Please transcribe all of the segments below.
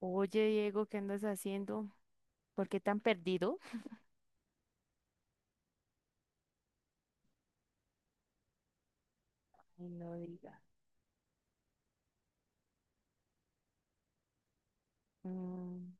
Oye, Diego, ¿qué andas haciendo? ¿Por qué tan perdido? Ay, no diga. Mm,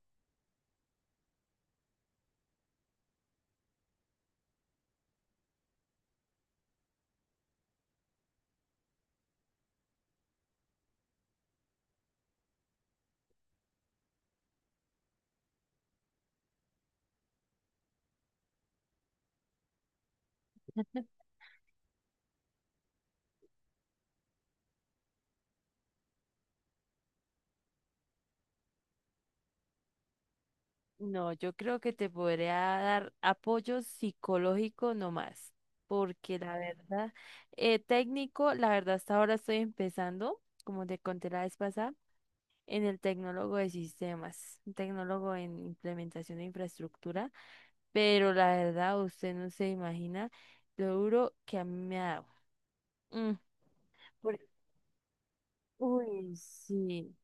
no, yo creo que te podría dar apoyo psicológico nomás, porque la verdad hasta ahora estoy empezando, como te conté la vez pasada, en el tecnólogo de sistemas, un tecnólogo en implementación de infraestructura, pero la verdad usted no se imagina lo duro que a mí me ha dado. Mm. por- Uy, sí.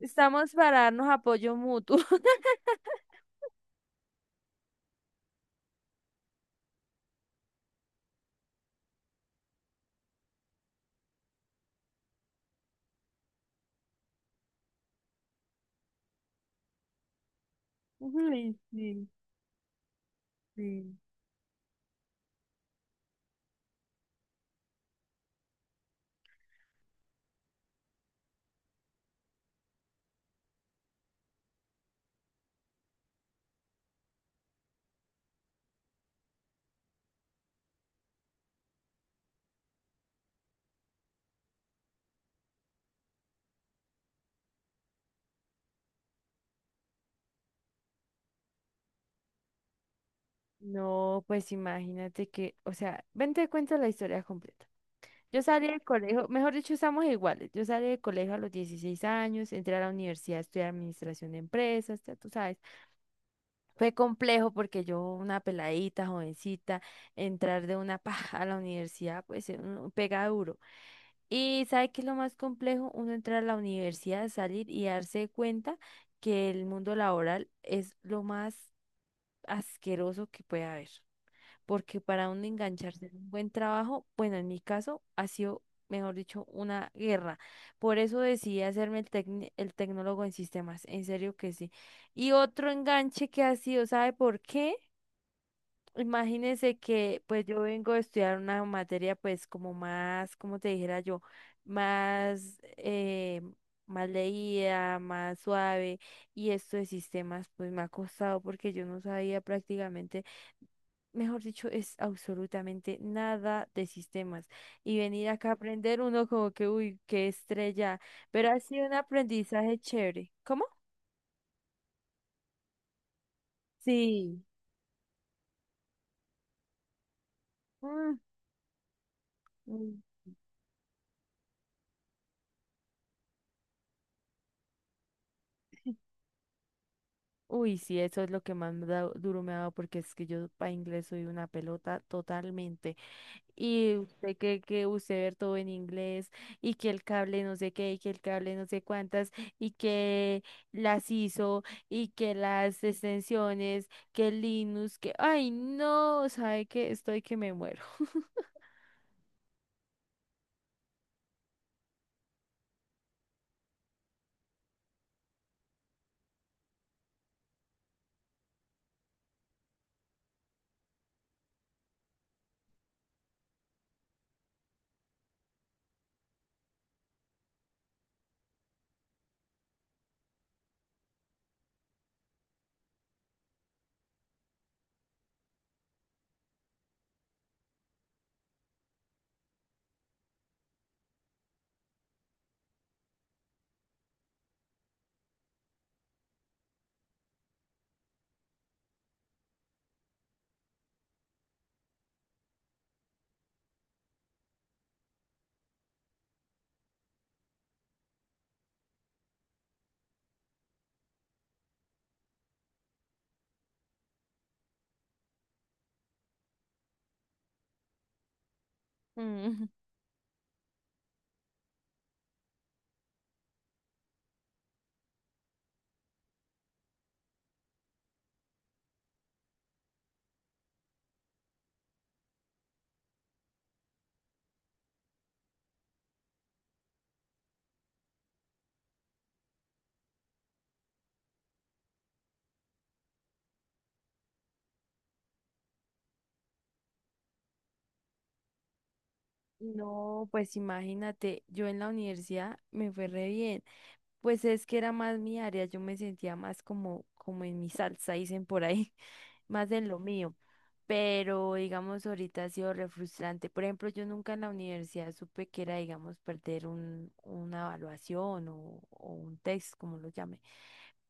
Estamos para darnos apoyo mutuo. Uy, sí, sí. No, pues imagínate que, o sea, ven te cuento la historia completa. Yo salí del colegio, mejor dicho, estamos iguales. Yo salí del colegio a los 16 años, entré a la universidad a estudiar administración de empresas, ya tú sabes. Fue complejo porque yo, una peladita, jovencita, entrar de una paja a la universidad, pues uno pega duro. Y sabe que es lo más complejo, uno entrar a la universidad, salir y darse cuenta que el mundo laboral es lo más asqueroso que puede haber. Porque para uno engancharse en un buen trabajo, bueno, en mi caso ha sido, mejor dicho, una guerra. Por eso decidí hacerme el tecnólogo en sistemas, en serio que sí. Y otro enganche que ha sido, ¿sabe por qué? Imagínense que pues yo vengo a estudiar una materia pues como más, como te dijera yo, más, más leída, más suave y esto de sistemas pues me ha costado porque yo no sabía prácticamente, mejor dicho, es absolutamente nada de sistemas y venir acá a aprender uno como que, uy, qué estrella, pero ha sido un aprendizaje chévere. ¿Cómo? Sí. Mm. Uy, sí, eso es lo que más duro me ha dado porque es que yo para inglés soy una pelota totalmente. Y usted cree que usted ver todo en inglés y que el cable no sé qué y que el cable no sé cuántas y que las hizo y que las extensiones, que Linux, que. Ay, no, sabe que estoy que me muero. No, pues imagínate, yo en la universidad me fue re bien. Pues es que era más mi área, yo me sentía más como en mi salsa, dicen por ahí, más en lo mío. Pero digamos, ahorita ha sido re frustrante. Por ejemplo, yo nunca en la universidad supe que era, digamos, perder una evaluación o un test, como lo llame.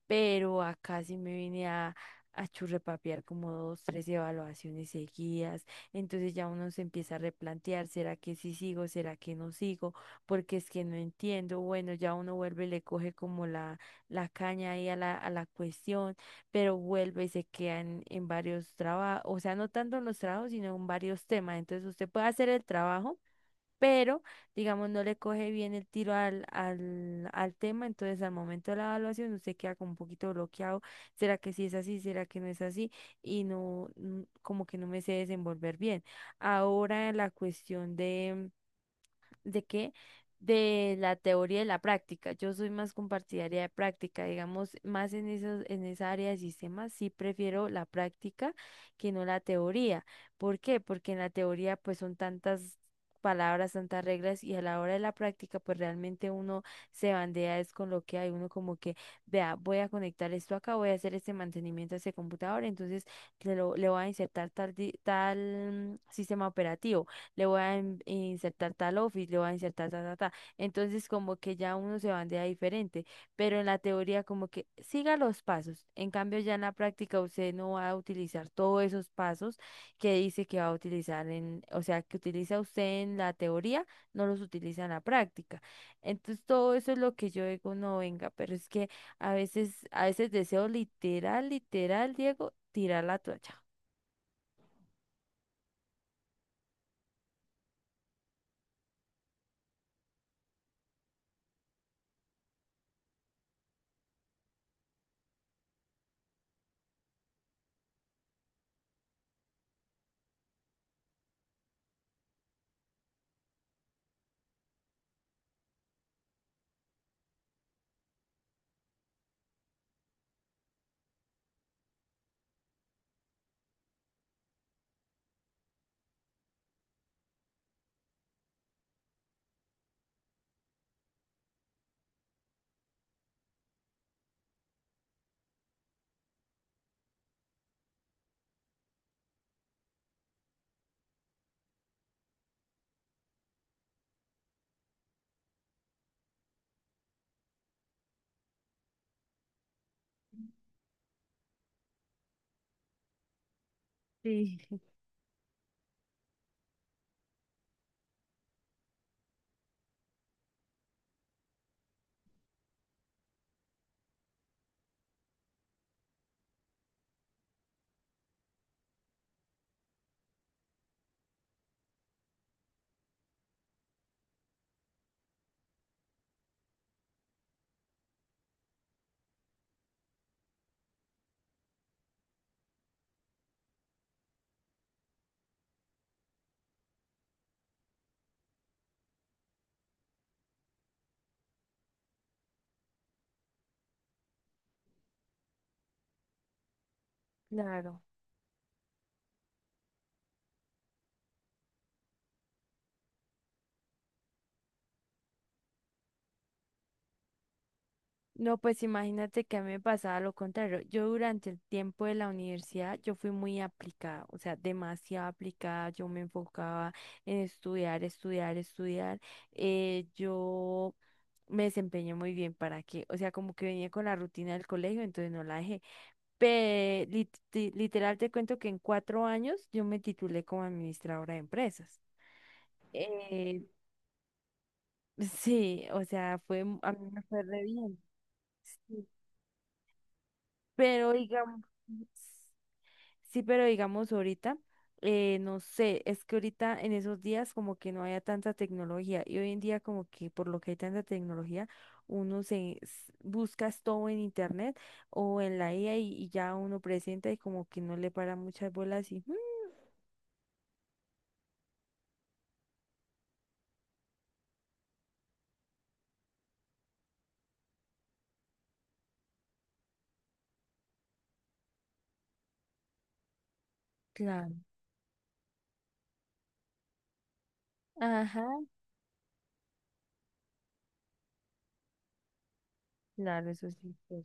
Pero acá sí me vine a churrepapear como dos, tres evaluaciones seguidas. Entonces ya uno se empieza a replantear, ¿será que sí sigo? ¿Será que no sigo? Porque es que no entiendo. Bueno, ya uno vuelve y le coge como la caña ahí a la cuestión, pero vuelve y se queda en varios trabajos, o sea, no tanto en los trabajos, sino en varios temas. Entonces usted puede hacer el trabajo, pero digamos no le coge bien el tiro al tema. Entonces al momento de la evaluación usted queda como un poquito bloqueado, ¿será que sí es así? ¿Será que no es así? Y no, como que no me sé desenvolver bien. Ahora la cuestión de. ¿De qué? De la teoría y la práctica. Yo soy más compartidaria de práctica, digamos, más en esos, en esa área de sistemas. Sí prefiero la práctica que no la teoría. ¿Por qué? Porque en la teoría pues son tantas palabras, tantas reglas, y a la hora de la práctica pues realmente uno se bandea es con lo que hay. Uno como que, vea, voy a conectar esto acá, voy a hacer este mantenimiento a este computador, entonces le voy a insertar tal sistema operativo, le voy a insertar tal office, le voy a insertar ta, ta, ta. Entonces, como que ya uno se bandea diferente, pero en la teoría como que siga los pasos. En cambio, ya en la práctica usted no va a utilizar todos esos pasos que dice que va a utilizar o sea, que utiliza usted en la teoría, no los utiliza en la práctica. Entonces, todo eso es lo que yo digo, no venga, pero es que a veces deseo, literal, literal, Diego, tirar la toalla. Sí. Claro. No, pues imagínate que a mí me pasaba lo contrario. Yo durante el tiempo de la universidad, yo fui muy aplicada, o sea, demasiado aplicada. Yo me enfocaba en estudiar, estudiar, estudiar. Yo me desempeñé muy bien, ¿para qué? O sea, como que venía con la rutina del colegio, entonces no la dejé. Literal te cuento que en 4 años yo me titulé como administradora de empresas. Eh, sí, o sea, a mí me fue re bien. Sí, pero digamos. Sí, pero digamos ahorita, no sé, es que ahorita en esos días como que no haya tanta tecnología, y hoy en día como que por lo que hay tanta tecnología, uno buscas todo en internet o en la IA y ya uno presenta y como que no le para muchas bolas y "Mm, claro, ajá, claro, eso sí, pues".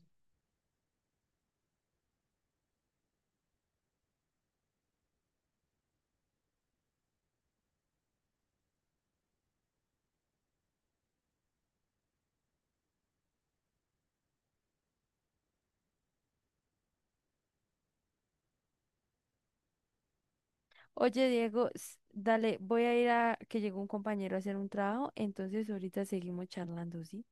Oye, Diego, dale, voy a ir a que llegó un compañero a hacer un trabajo, entonces ahorita seguimos charlando, ¿sí?